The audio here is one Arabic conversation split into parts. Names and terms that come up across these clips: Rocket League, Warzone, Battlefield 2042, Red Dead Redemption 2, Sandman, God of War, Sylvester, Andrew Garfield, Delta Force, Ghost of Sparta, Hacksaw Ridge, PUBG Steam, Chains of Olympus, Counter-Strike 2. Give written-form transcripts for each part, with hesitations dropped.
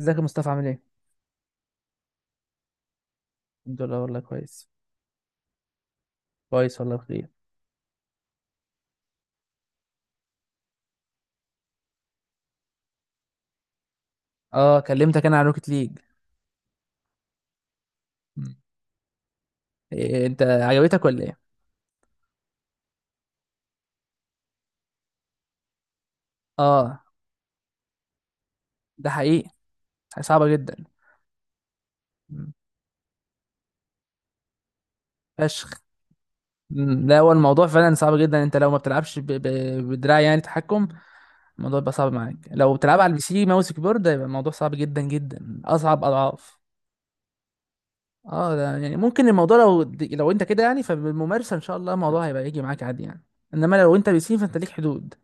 ازيك يا مصطفى عامل ايه؟ الحمد لله والله كويس. كويس والله بخير. اه كلمتك انا عن روكيت ليج. مم. إيه انت عجبتك ولا ايه؟ اه ده حقيقي، صعبة جدا. مم. فشخ. لا هو الموضوع فعلا صعب جدا، انت لو ما بتلعبش بدراع يعني تحكم، الموضوع بيبقى صعب معاك. لو بتلعب على البي سي ماوس كيبورد هيبقى الموضوع صعب جدا جدا، اصعب اضعاف. اه ده يعني ممكن الموضوع لو انت كده يعني، فبالممارسة ان شاء الله الموضوع هيبقى يجي معاك عادي يعني. انما لو انت بي سي فانت ليك حدود.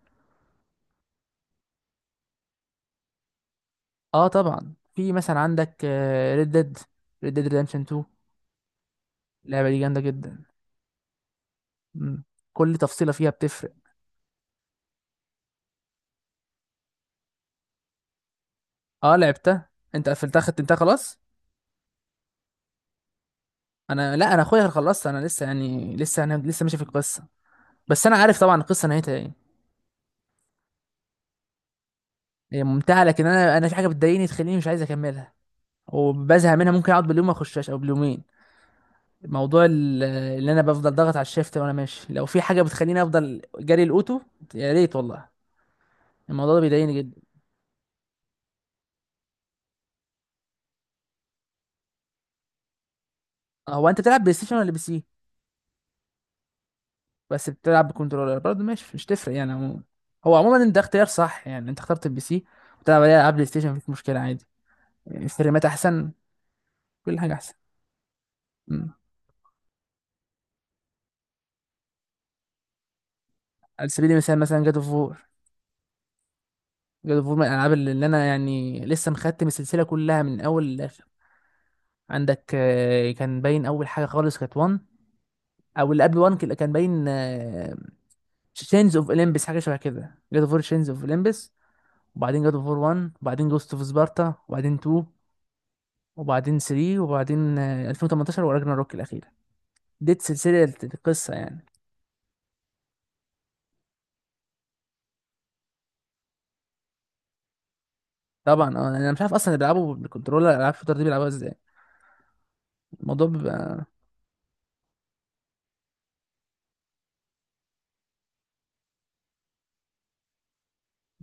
اه طبعا في مثلا عندك ريد ديد، ريد ديد ريدمشن 2، اللعبه دي جامده جدا. مم. كل تفصيله فيها بتفرق. اه لعبتها، انت قفلتها ختمتها خلاص. انا لا، انا اخويا خلصت، انا لسه يعني لسه، انا لسه ماشي في القصه، بس انا عارف طبعا القصه نهايتها ايه. هي ممتعه، لكن انا في حاجه بتضايقني تخليني مش عايز اكملها وبزهق منها، ممكن اقعد باليوم ما اخشهاش او باليومين. موضوع ال- اللي انا بفضل ضاغط على الشيفت وانا ماشي، لو في حاجه بتخليني افضل جري الاوتو يا ريت والله، الموضوع ده بيضايقني جدا. هو انت بتلعب بلاي ستيشن ولا بي سي؟ بس بتلعب بكنترولر برضه ماشي، مش تفرق يعني عموما. هو عموما ده اختيار صح يعني، انت اخترت البي سي وتلعب عليه العاب بلاي ستيشن مفيش مشكله عادي، يعني فريمات احسن، كل حاجه احسن. مم. على سبيل المثال مثلا جاد اوف وور، جاد اوف وور من الالعاب اللي انا يعني لسه مختم السلسله كلها من اول للاخر. عندك كان باين اول حاجه خالص كانت 1، او اللي قبل 1 كان باين تشينز اوف اولمبس، حاجه شبه كده، جاد اوف وور تشينز اوف اولمبس، وبعدين جاد اوف وور 1، وبعدين جوست اوف سبارتا، وبعدين 2، وبعدين 3، وبعدين 2018، وراجنا روك الأخيرة. دي سلسلة القصة يعني. طبعا اه انا مش عارف اصلا اللي بيلعبوا بالكنترولر العاب الشوتر دي بيلعبوها ازاي. الموضوع بيبقى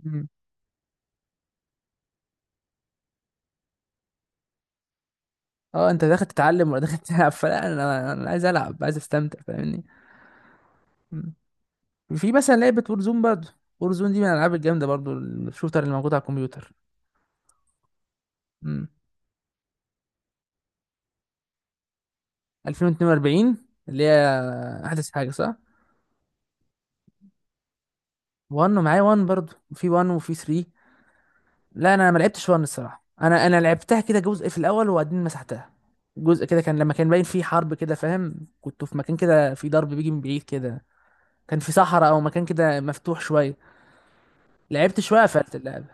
مم. اه انت داخل تتعلم ولا داخل تلعب، فلا انا عايز العب، عايز استمتع فاهمني. مم. في مثلا لعبة وورزون برضه، وورزون دي من الالعاب الجامدة برضه الشوتر اللي موجود على الكمبيوتر. مم. 2042، اللي هي احدث حاجة صح؟ 1 ومعايا 1 برضه، وفي 1 وفي 3. لا انا ما لعبتش، وان الصراحه انا لعبتها كده جزء في الاول وبعدين مسحتها. جزء كده كان لما كان باين فيه حرب كده فاهم، كنت في مكان كده في ضرب بيجي من بعيد كده، كان في صحراء او مكان كده مفتوح شويه، لعبت شويه قفلت اللعبه،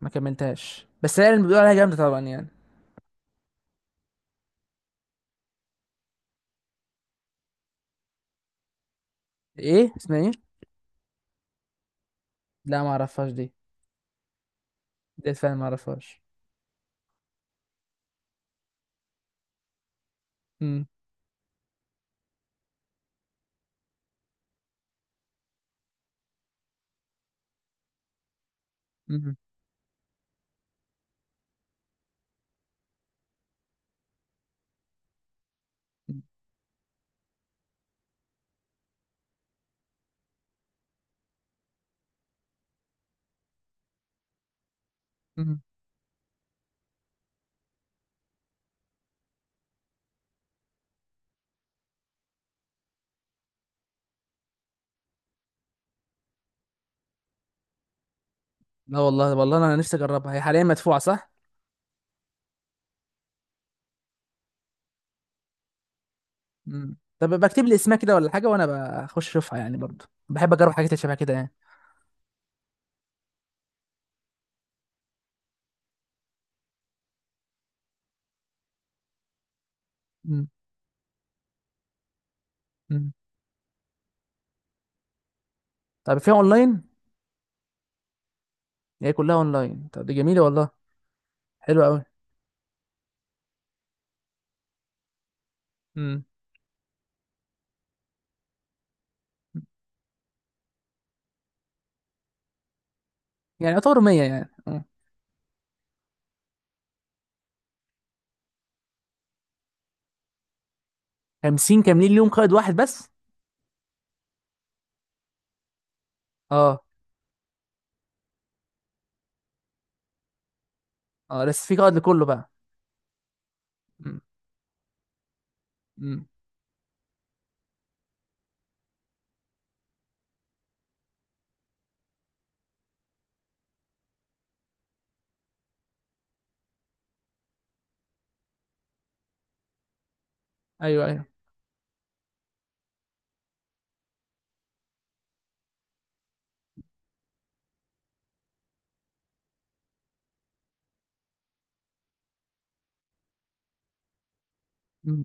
ما كملتهاش. بس هي اللي بيقولوا عليها جامده طبعا يعني. ايه اسمها ايه؟ لا ما اعرفهاش دي، دي فعلا ما اعرفهاش. امم. امم. أمم. لا والله والله انا نفسي اجربها، هي حاليا مدفوعه صح؟ امم، طب بكتب لي اسمها كده ولا حاجه، وانا بخش اشوفها يعني برضه، بحب اجرب حاجات شبه كده يعني. امم. طب فيها اونلاين؟ هي كلها اونلاين، طب دي جميله والله، حلوه قوي. امم. يعني يعتبر 100 يعني اه. 50 كاملين ليهم قائد واحد بس؟ اه. اه لسه في قائد لكله بقى. امم. امم. ايوه ايوه. امم.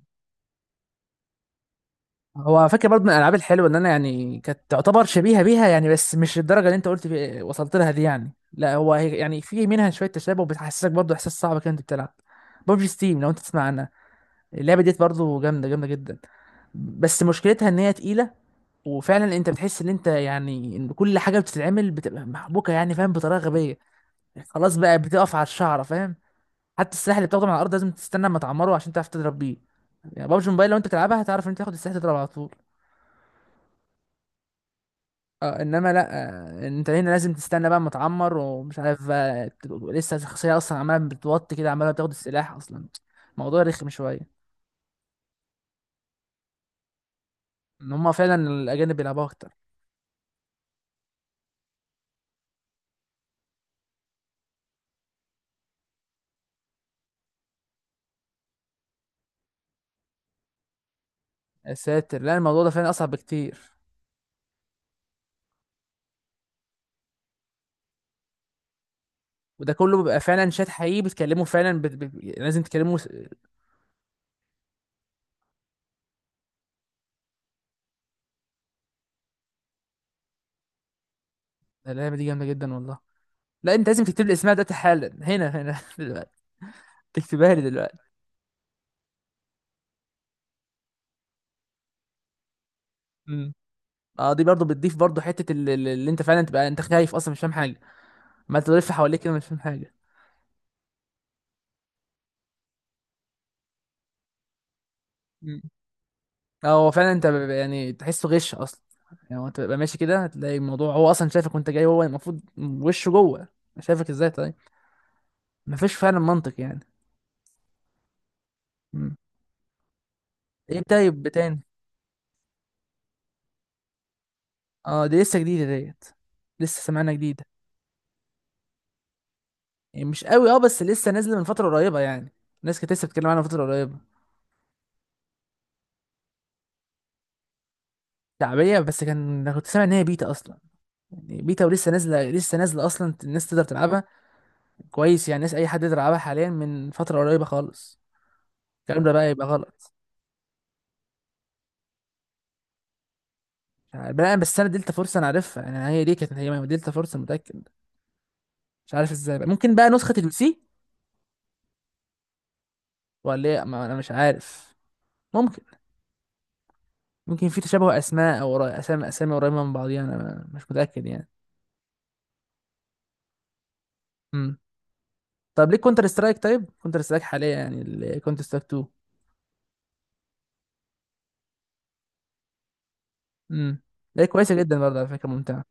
هو على فكره برضه من الالعاب الحلوه ان انا يعني كانت تعتبر شبيهه بيها يعني، بس مش الدرجه اللي انت قلت في وصلت لها دي يعني، لا هو هي يعني في منها شويه تشابه، وبتحسسك برضه احساس صعب كده انت بتلعب. ببجي ستيم لو انت تسمع عنها، اللعبه ديت برضه جامده جامده جدا، بس مشكلتها ان هي تقيله. وفعلا انت بتحس ان انت يعني ان كل حاجه بتتعمل بتبقى محبوكه يعني فاهم بطريقه غبيه، خلاص بقى بتقف على الشعره فاهم. حتى السلاح اللي بتاخده من على الارض لازم تستنى اما تعمره عشان تعرف تضرب بيه. يعني بابجي موبايل لو انت تلعبها هتعرف ان انت تاخد السلاح تضرب على طول. اه انما لا، انت هنا لازم تستنى بقى اما تعمر، ومش عارف بقى تبقى لسه الشخصيه اصلا عماله بتوطي كده عماله بتاخد السلاح اصلا. الموضوع رخم شويه. ان هم فعلا الاجانب بيلعبوها اكتر. يا ساتر، لا الموضوع ده فعلا اصعب بكتير. وده كله بيبقى فعلا شات حقيقي بتكلمه فعلا، لازم تكلمه اللعبه دي جامده جدا والله. لا انت لازم تكتب لي اسمها دلوقتي حالا، هنا هنا دلوقتي، تكتبها لي دلوقتي. امم. اه دي برضه بتضيف برضه حته اللي انت فعلا تبقى انت خايف اصلا مش فاهم حاجه، ما تلف حواليك كده مش فاهم حاجه. مم. اه هو فعلا انت بيبقى يعني تحسه غش اصلا. يعني هو انت بتبقى ماشي كده هتلاقي الموضوع هو اصلا شايفك وانت جاي، هو المفروض وشه جوه، شايفك ازاي طيب؟ مفيش فعلا منطق يعني. مم. ايه طيب تاني؟ اه دي لسه جديده ديت، لسه سمعنا جديد. يعني مش قوي اه، بس لسه نازله من فتره قريبه يعني، الناس كانت لسه بتتكلم عنها من فتره قريبه. شعبيه، بس كان انا كنت سامع ان هي بيتا اصلا، يعني بيتا ولسه نازله، لسه نازله اصلا الناس تقدر تلعبها كويس يعني، الناس اي حد يقدر يلعبها حاليا من فتره قريبه خالص. الكلام ده بقى يبقى غلط. مش عارف بقى، بس انا دلتا فورس انا عارفها انا، هي دي كانت هي دلتا فورس أنا متاكد. مش عارف ازاي بقى. ممكن بقى نسخه البي سي ولا ايه، ما انا مش عارف، ممكن. ممكن في تشابه اسماء، او اسامي اسامي قريبه من بعضيها، انا مش متاكد يعني. مم. طب ليه كونتر سترايك، طيب كونتر سترايك حاليا يعني كونتر سترايك 2. امم. ليه كويسه جدا برضه على فكره، ممتعه.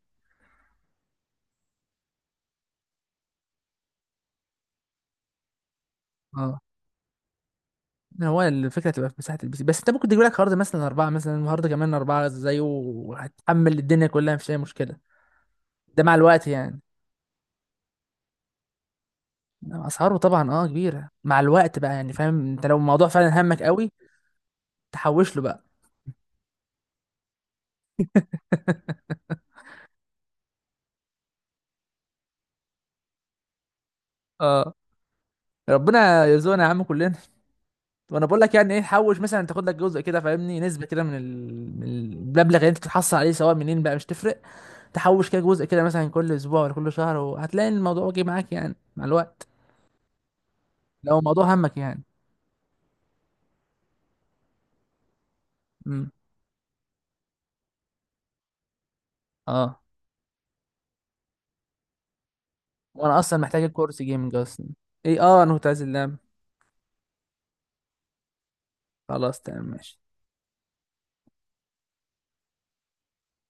اه هو الفكره تبقى في مساحه البي سي، بس انت ممكن تجيب لك هارد مثلا اربعه، مثلا هارد كمان اربعه زيه، وهتحمل الدنيا كلها مفيش اي مشكله. ده مع الوقت يعني. إنما اسعاره طبعا اه كبيره، مع الوقت بقى يعني فاهم، انت لو الموضوع فعلا همك قوي تحوش له بقى. اه ربنا يرزقنا يا عم كلنا. وانا بقول لك يعني ايه حوش، مثلا تاخد لك جزء كده فاهمني، نسبه كده من من المبلغ اللي انت بتحصل عليه، سواء منين بقى مش تفرق، تحوش كده جزء كده مثلا كل اسبوع ولا كل شهر، وهتلاقي الموضوع واجي معاك يعني مع الوقت، لو الموضوع همك يعني. امم. اه وانا اصلا محتاج الكورس جيمنج اصلا. ايه اه انا كنت عايز اللاب. خلاص تمام ماشي.